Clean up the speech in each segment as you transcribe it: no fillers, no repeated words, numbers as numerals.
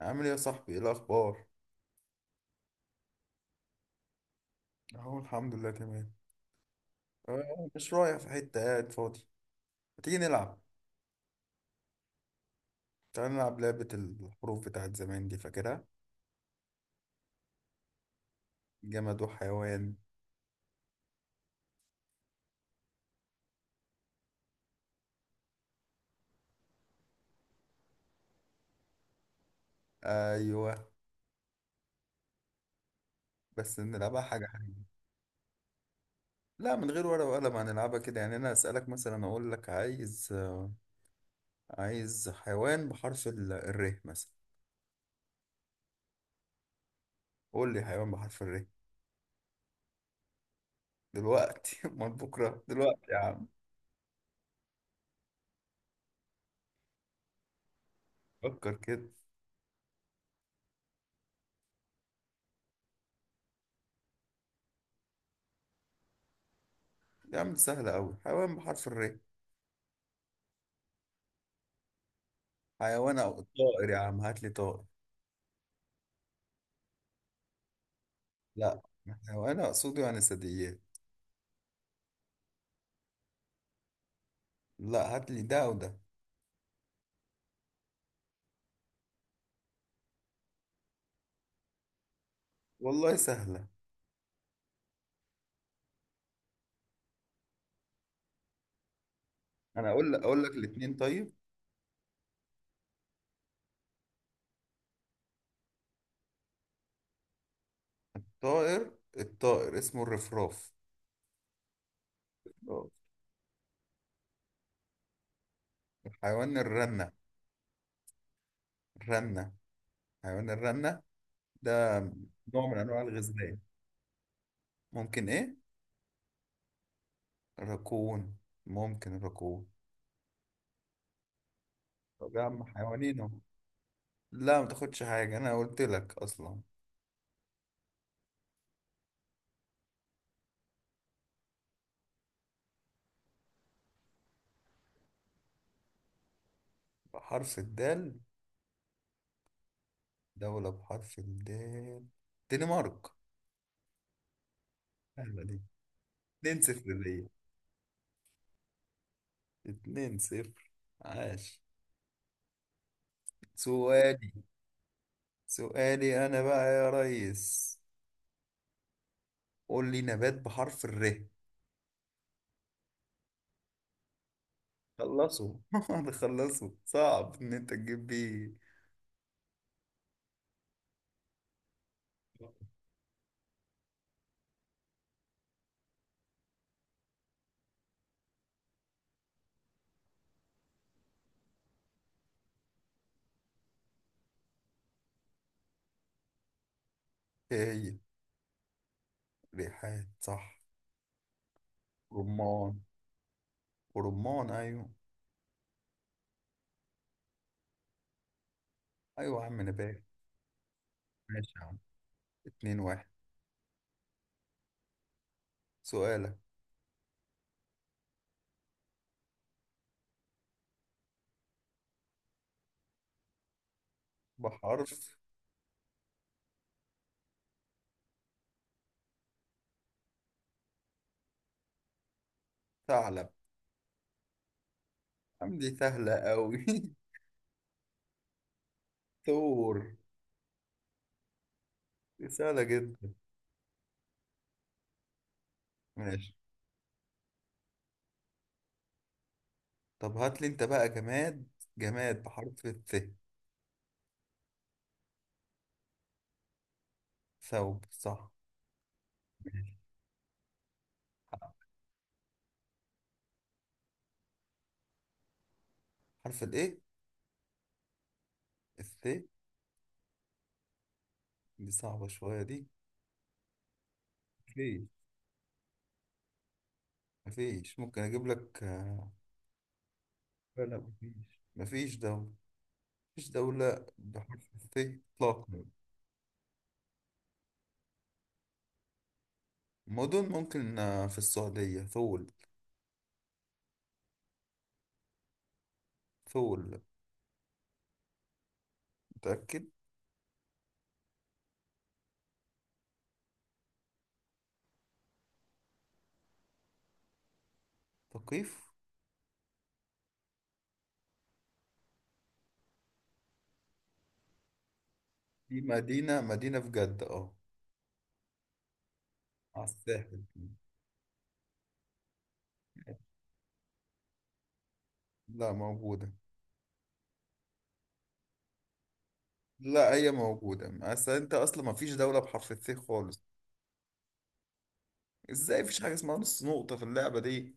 عامل ايه يا صاحبي؟ ايه الاخبار؟ اهو الحمد لله تمام. مش رايح في حته، قاعد فاضي. ما تيجي نلعب؟ تعال نلعب لعبه الحروف بتاعت زمان دي، فاكرها؟ جماد وحيوان. ايوه. بس نلعبها حاجه حاجة. لا، من غير ورقه وقلم هنلعبها كده. يعني انا اسالك مثلا، اقول لك عايز عايز حيوان بحرف الر مثلا. قول لي حيوان بحرف الر. دلوقتي؟ امال بكره؟ دلوقتي يا عم. فكر كده. يا عم دي سهله قوي. حيوان بحرف الر. حيوان او طائر، يا عم هات لي طائر. لا. هو انا اقصده يعني ثدييات. لا، هات لي ده او ده. والله سهله. انا اقول لك الاثنين طيب. طائر. الطائر اسمه الرفراف. حيوان الرنه. الرنه. حيوان الرنه. ده نوع من انواع الغزلان. ممكن ايه؟ راكون. ممكن راكون. طب يا عم، حيوانين اهو. لا ما تاخدش حاجه، انا قلت لك اصلا. بحرف الدال. دوله بحرف الدال. دنمارك. سهله دي. 2-0. اتنين صفر. عاش. سؤالي. سؤالي أنا بقى يا ريس. قول لي نبات بحرف الر. خلصوا. خلصوا. صعب إن أنت تجيب بيه. إيه هي؟ ريحان صح. رمان. ورمان أيوه. أيوه يا عم نبات. ماشي يا عم. اتنين واحد. سؤالك. بحرف. ثعلب. يا عم دي سهلة أوي. ثور. دي سهلة جدا. ماشي. طب هات لي أنت بقى جماد. جماد بحرف الث. ثوب صح. حرف الايه؟ الث. دي صعبة شوية دي. مفيش. مفيش، ممكن اجيب لك لا لا مفيش مفيش دولة. مفيش دولة بحرف الث. اطلاقا. مدن، ممكن في السعودية ثول. ثول. متأكد؟ ثقيف. دي مدينة مدينة في جدة اه. على الساحل. لا، موجودة. لا، هي موجودة. أصل أنت أصلا مفيش دولة بحرف الث خالص. إزاي مفيش حاجة اسمها نص نقطة في اللعبة دي؟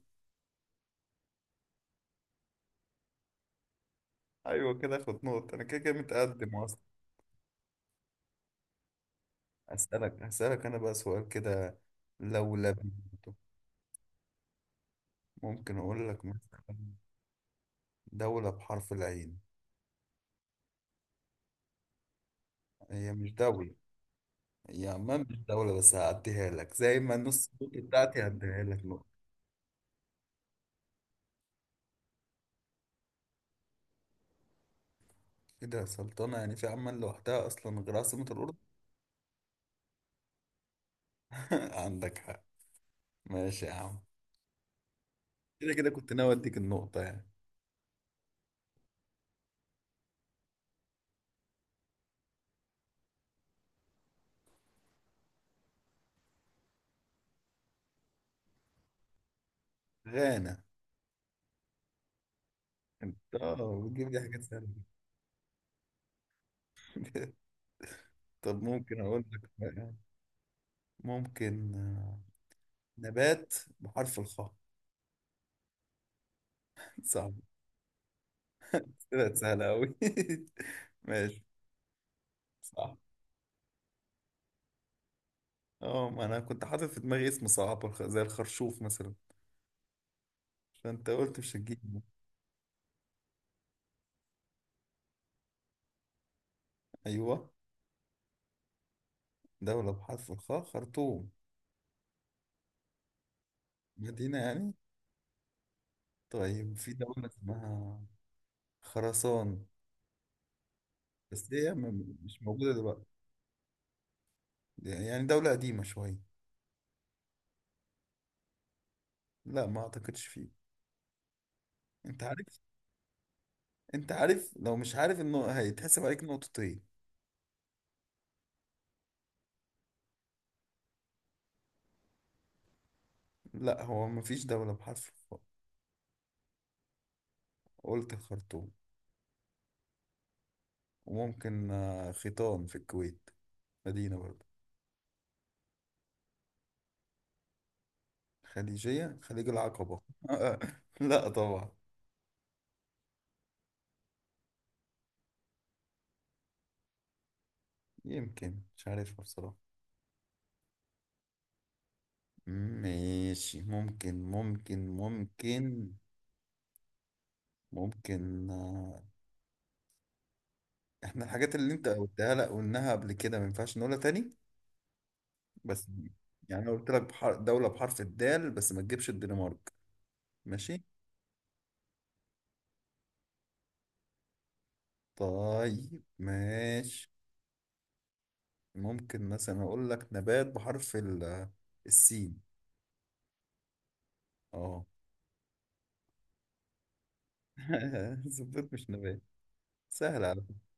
ايوه كده اخد نقطة، انا كده كده متقدم اصلا. اسألك انا بقى سؤال كده. لو لبنته. ممكن اقول لك مثلا. دولة بحرف العين. هي مش دولة. هي عمان مش دولة، بس هعديها لك زي ما النص النقطة بتاعتي هعديها لك نقطة. كده يا سلطانة؟ يعني في عمان لوحدها اصلا غير عاصمة الأردن. عندك حق. ماشي يا عم. كده كده كنت ناوي اديك النقطة يعني. غانا. انت بتجيب لي حاجات سهلة. طب ممكن اقول لك بقى. ممكن. نبات بحرف الخاء. صعب. طلعت سهلة أوي. ماشي. صح. اه، ما أنا كنت حاطط في دماغي اسم صعب زي الخرشوف مثلا. فأنت قلت مش هتجيبه. أيوه. دولة بحرف الخاء. خرطوم. مدينة يعني. طيب في دولة اسمها خراسان. بس هي مش موجودة دلوقتي. يعني دولة قديمة شوية. لا، ما أعتقدش فيه. أنت عارف. أنت عارف لو مش عارف إنه هيتحسب عليك نقطتين. لا، هو مفيش دولة بحرف الخاء. قلت الخرطوم. وممكن خيطان في الكويت. مدينة برضه. خليجية؟ خليج العقبة. لا طبعا. يمكن مش عارفها بصراحة. ماشي. ممكن ممكن احنا الحاجات اللي انت قلتها، لا قلناها قبل كده، ما ينفعش نقولها تاني. بس يعني انا قلت لك دولة بحرف الدال، بس ما تجيبش الدنمارك. ماشي. طيب ماشي. ممكن مثلا اقول لك نبات بحرف السين. اه. زبيط مش نبات. سهلة على فكرة.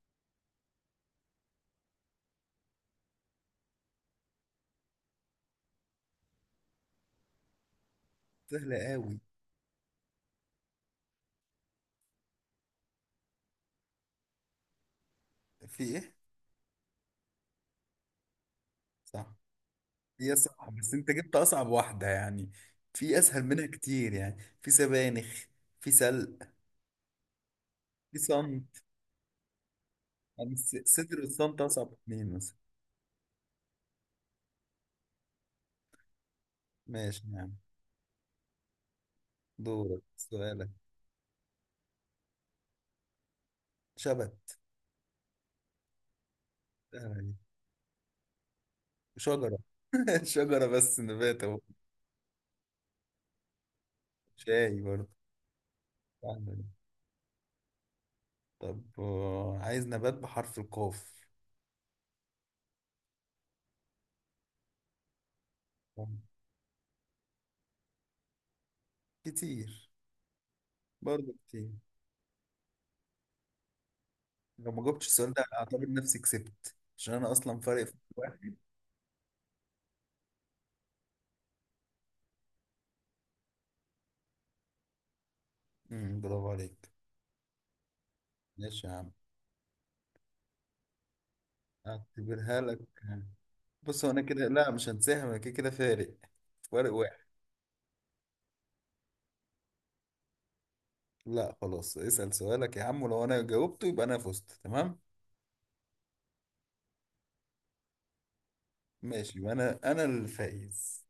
سهلة قوي. في ايه؟ صح. هي صح، بس انت جبت اصعب واحدة يعني. في اسهل منها كتير، يعني في سبانخ. في سلق. في صمت. يعني صدر والصمت اصعب اتنين مثلا. ماشي يعني. دورك سؤالك. شبت. سهلة دي. شجرة. شجرة بس نبات اهو. شاي برضه. سهلة دي. طب عايز نبات بحرف القاف. كتير. برضه كتير. لو ما جبتش السؤال ده اعتبر نفسي كسبت، عشان انا اصلا فارق في واحد. برافو عليك. ماشي يا عم. اعتبرها لك. بص، هو انا كده لا مش هنسحب، انا كده كده فارق. فارق واحد. لا خلاص اسأل سؤالك يا عم، ولو انا جاوبته يبقى انا فزت تمام. ماشي، يبقى انا الفائز.